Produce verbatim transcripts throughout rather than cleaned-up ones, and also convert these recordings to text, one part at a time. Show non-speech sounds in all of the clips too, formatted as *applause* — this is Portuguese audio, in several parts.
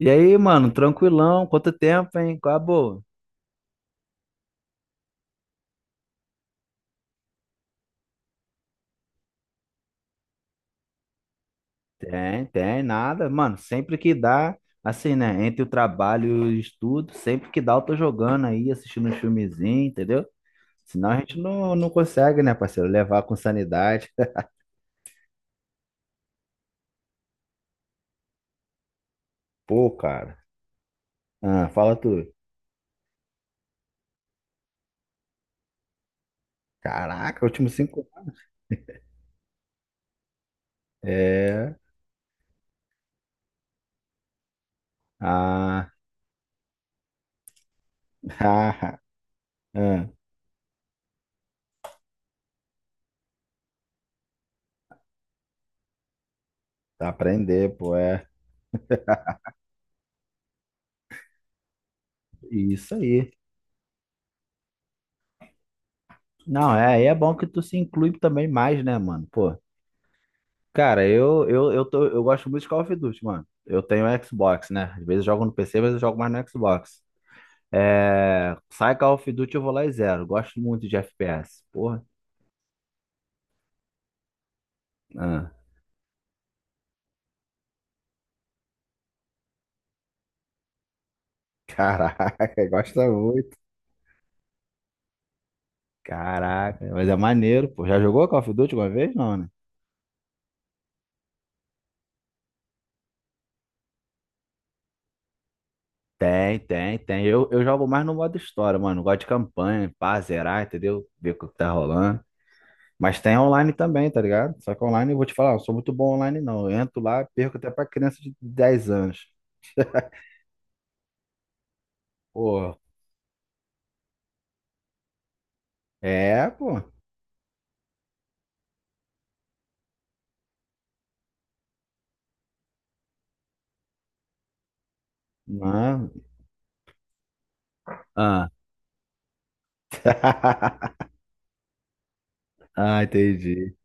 E aí, mano, tranquilão? Quanto tempo, hein? Qual a boa? Tem, tem, nada. Mano, sempre que dá, assim, né? Entre o trabalho e o estudo, sempre que dá, eu tô jogando aí, assistindo um filmezinho, entendeu? Senão a gente não, não consegue, né, parceiro? Levar com sanidade. *laughs* Pô, cara. Ah, fala tu. Caraca, último cinco. É. Ah, *laughs* ah, ah, tá aprender, pô, é. Isso aí. Não, é, aí é bom que tu se inclui também mais, né, mano? Pô. Cara, eu, eu, eu, tô, eu gosto muito de Call of Duty, mano. Eu tenho Xbox, né? Às vezes eu jogo no P C, mas eu jogo mais no Xbox. É... Sai Call of Duty, eu vou lá e zero. Gosto muito de F P S. Porra. Ah, caraca, *laughs* gosta muito. Caraca, mas é maneiro, pô. Já jogou Call of Duty uma vez? Não, né? Tem, tem, tem. Eu, eu jogo mais no modo história, mano. Gosto de campanha, pá, zerar, entendeu? Ver o que tá rolando. Mas tem online também, tá ligado? Só que online, eu vou te falar, eu não sou muito bom online não. Eu entro lá, perco até pra criança de dez anos. Pô, é, pô. Não. Ah, *laughs* ah, entendi.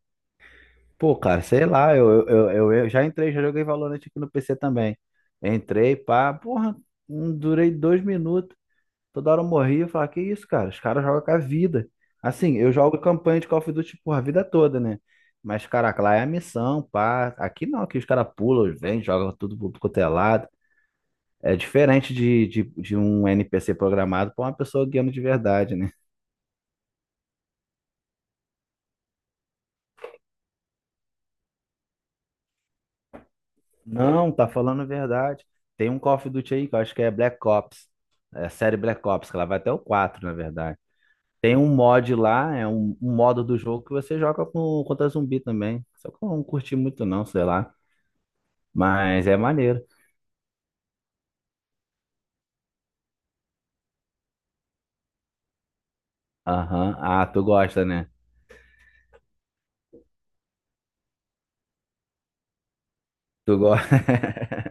Pô, cara, sei lá, eu, eu, eu, eu já entrei, já joguei Valorant aqui no P C também. Entrei, pá, porra, não durei dois minutos. Toda hora eu morria e falava, que isso, cara? Os caras jogam com a vida. Assim, eu jogo campanha de Call of Duty, por a vida toda, né? Mas, caraca, lá é a missão, pá. Aqui não, aqui os caras pulam, vêm, jogam tudo pro quanto é lado. É diferente de, de, de um N P C programado pra uma pessoa guiando de verdade, né? Não, tá falando a verdade. Tem um Call of Duty aí que eu acho que é Black Ops. É a série Black Ops, que ela vai até o quatro na verdade. Tem um mod lá, é um, um modo do jogo que você joga com, contra zumbi também. Só que eu não curti muito, não, sei lá. Mas é maneiro. Aham. Ah, tu gosta, né? Tu gosta. *laughs*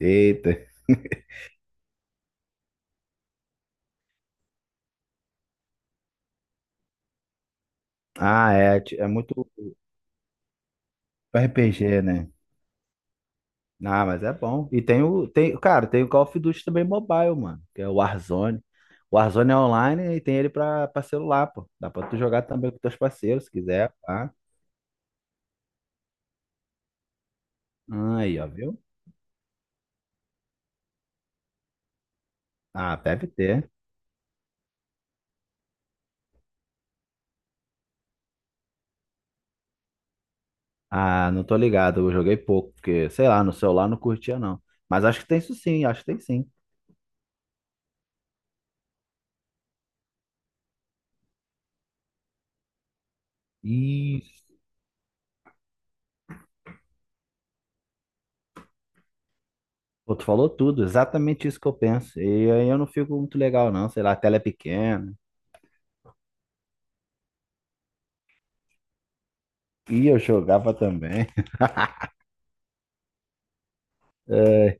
Eita. Ah, é. ti- É muito R P G, né? Ah, mas é bom. E tem o. Tem, cara, tem o Call of Duty também mobile, mano. Que é o Warzone. O Warzone é online e tem ele pra, pra celular, pô. Dá pra tu jogar também com teus parceiros, se quiser. Pá. Ah, aí, ó, viu? Ah, deve ter. Ah, não tô ligado. Eu joguei pouco, porque, sei lá, no celular não curtia, não. Mas acho que tem isso sim, acho que tem sim. Pô, tu falou tudo, exatamente isso que eu penso. E aí eu não fico muito legal, não. Sei lá, a tela é pequena. E eu jogava também. É.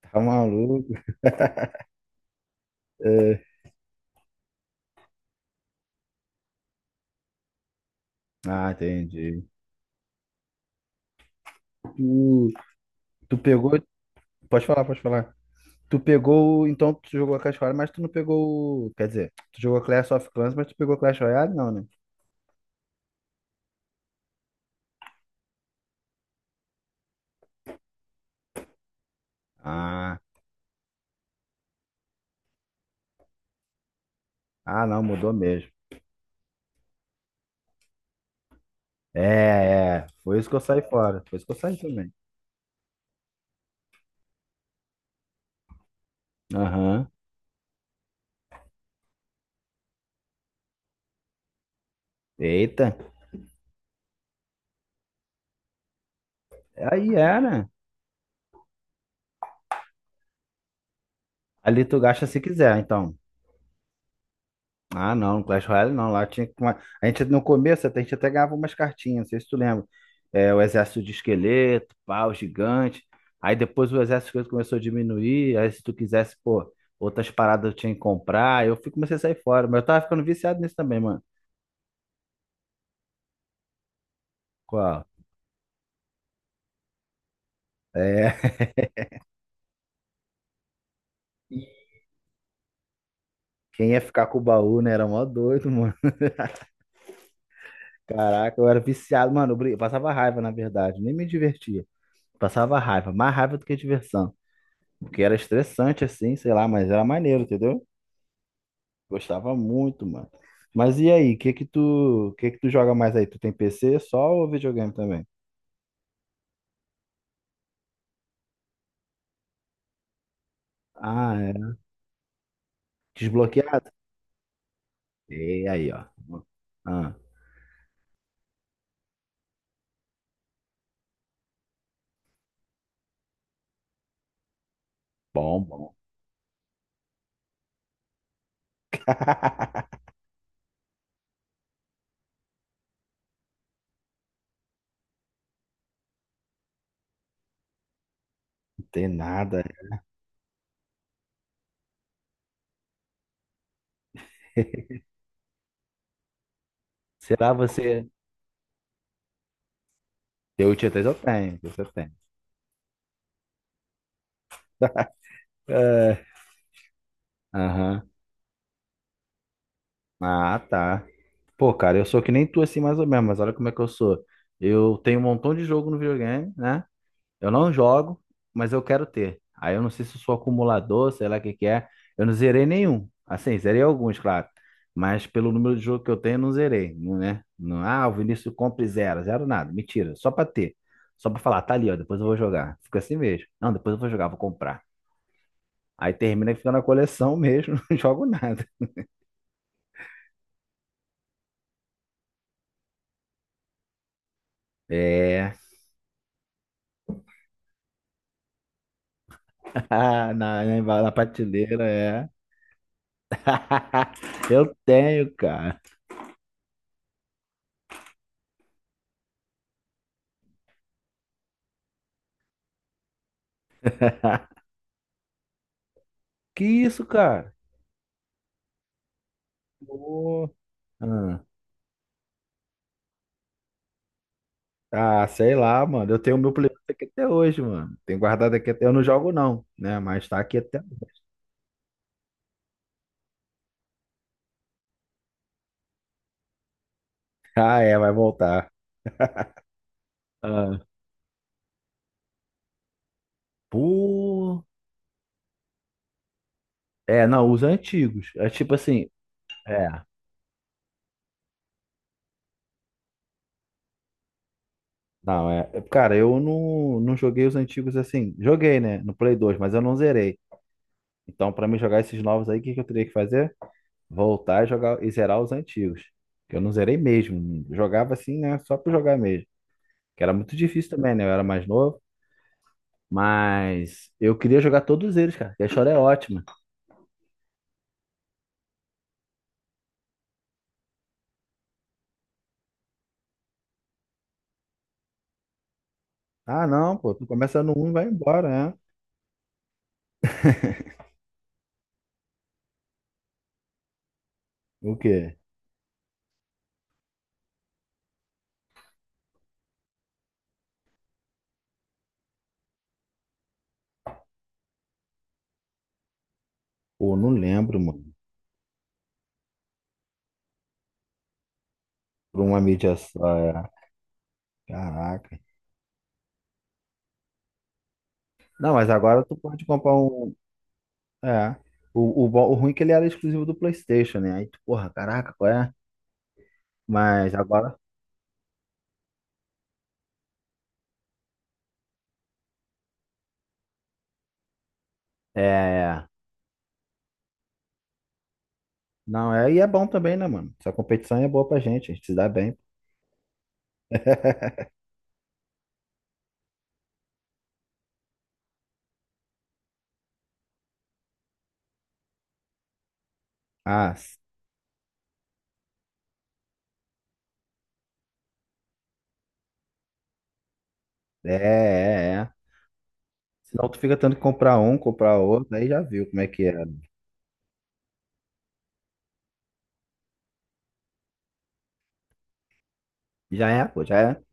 Tá maluco? É. Ah, entendi. Tu, tu pegou. Pode falar, pode falar. Tu pegou. Então tu jogou a Clash Royale, mas tu não pegou. o- Quer dizer, tu jogou Clash of Clans, mas tu pegou Clash Royale, não, né? Ah, ah, não, mudou mesmo. É, é. Foi isso que eu saí fora. Foi isso que eu saí também. Aham. Eita. Aí era. Ali tu gasta se quiser, então. Ah, não, Clash Royale não. Lá tinha que tomar- A gente no começo até, a gente até ganhava umas cartinhas, não sei se tu lembra. É, o exército de esqueleto, pau, gigante. Aí depois o exército de esqueleto começou a diminuir. Aí se tu quisesse, pô, outras paradas eu tinha que comprar. Eu fui, comecei a sair fora. Mas eu tava ficando viciado nisso também, mano. Qual? É. *laughs* Quem ia ficar com o baú, né? Era mó doido, mano. Caraca, eu era viciado, mano. Eu brin- eu passava raiva, na verdade. Nem me divertia. Passava raiva. Mais raiva do que diversão. Porque era estressante, assim, sei lá, mas era maneiro, entendeu? Gostava muito, mano. Mas e aí, que que tu, que que tu joga mais aí? Tu tem P C só ou videogame também? Ah, é. Desbloqueado? E aí, ó. Ah, bom, bom. *laughs* Não tem nada. *laughs* Será você? Eu tinha três, eu tenho, você tem. *laughs* É. Aham. Ah, tá. Pô, cara, eu sou que nem tu assim mais ou menos, mas olha como é que eu sou. Eu tenho um montão de jogo no videogame, né? Eu não jogo, mas eu quero ter. Aí eu não sei se eu sou acumulador, sei lá o que que é. Eu não zerei nenhum. Assim, zerei alguns, claro. Mas pelo número de jogo que eu tenho, eu não zerei, não, né? Não, ah, o Vinícius compra e zero, zero nada. Mentira, só pra ter. Só pra falar, tá ali, ó, depois eu vou jogar. Fica assim mesmo. Não, depois eu vou jogar, vou comprar. Aí termina que fica na coleção mesmo, *laughs* não jogo nada. É, *laughs* na, na, na prateleira, é. Eu tenho, cara. *laughs* Que isso, cara? Pô. Ah, sei lá, mano. Eu tenho o meu Playboy aqui até hoje, mano. Tenho guardado aqui até. Eu não jogo, não, né? Mas tá aqui até hoje. *laughs* Ah, é, vai voltar. Ah, pô. É, não, os antigos. É tipo assim. É, não, é, é, cara, eu não, não joguei os antigos assim. Joguei, né? No Play dois, mas eu não zerei. Então, pra mim jogar esses novos aí, o que que eu teria que fazer? Voltar e jogar e zerar os antigos. Que eu não zerei mesmo. Jogava assim, né? Só pra jogar mesmo. Que era muito difícil também, né? Eu era mais novo. Mas eu queria jogar todos eles, cara. Que A história é ótima. Ah, não, pô. Tu começa no um, e vai embora, né? *laughs* O quê? Pô, não lembro, mano. Por uma mídia só, é. Caraca. Não, mas agora tu pode comprar um. É. O, o, bom- o ruim é que ele era exclusivo do PlayStation, né? Aí tu, porra, caraca, qual é? Mas agora. É. Não, é. E é bom também, né, mano? Essa competição é boa pra gente. A gente se dá bem. *laughs* Ah, é, é, é. Senão tu fica tendo que comprar um, comprar outro. Aí já viu como é que é, né? Já é, pô, já é.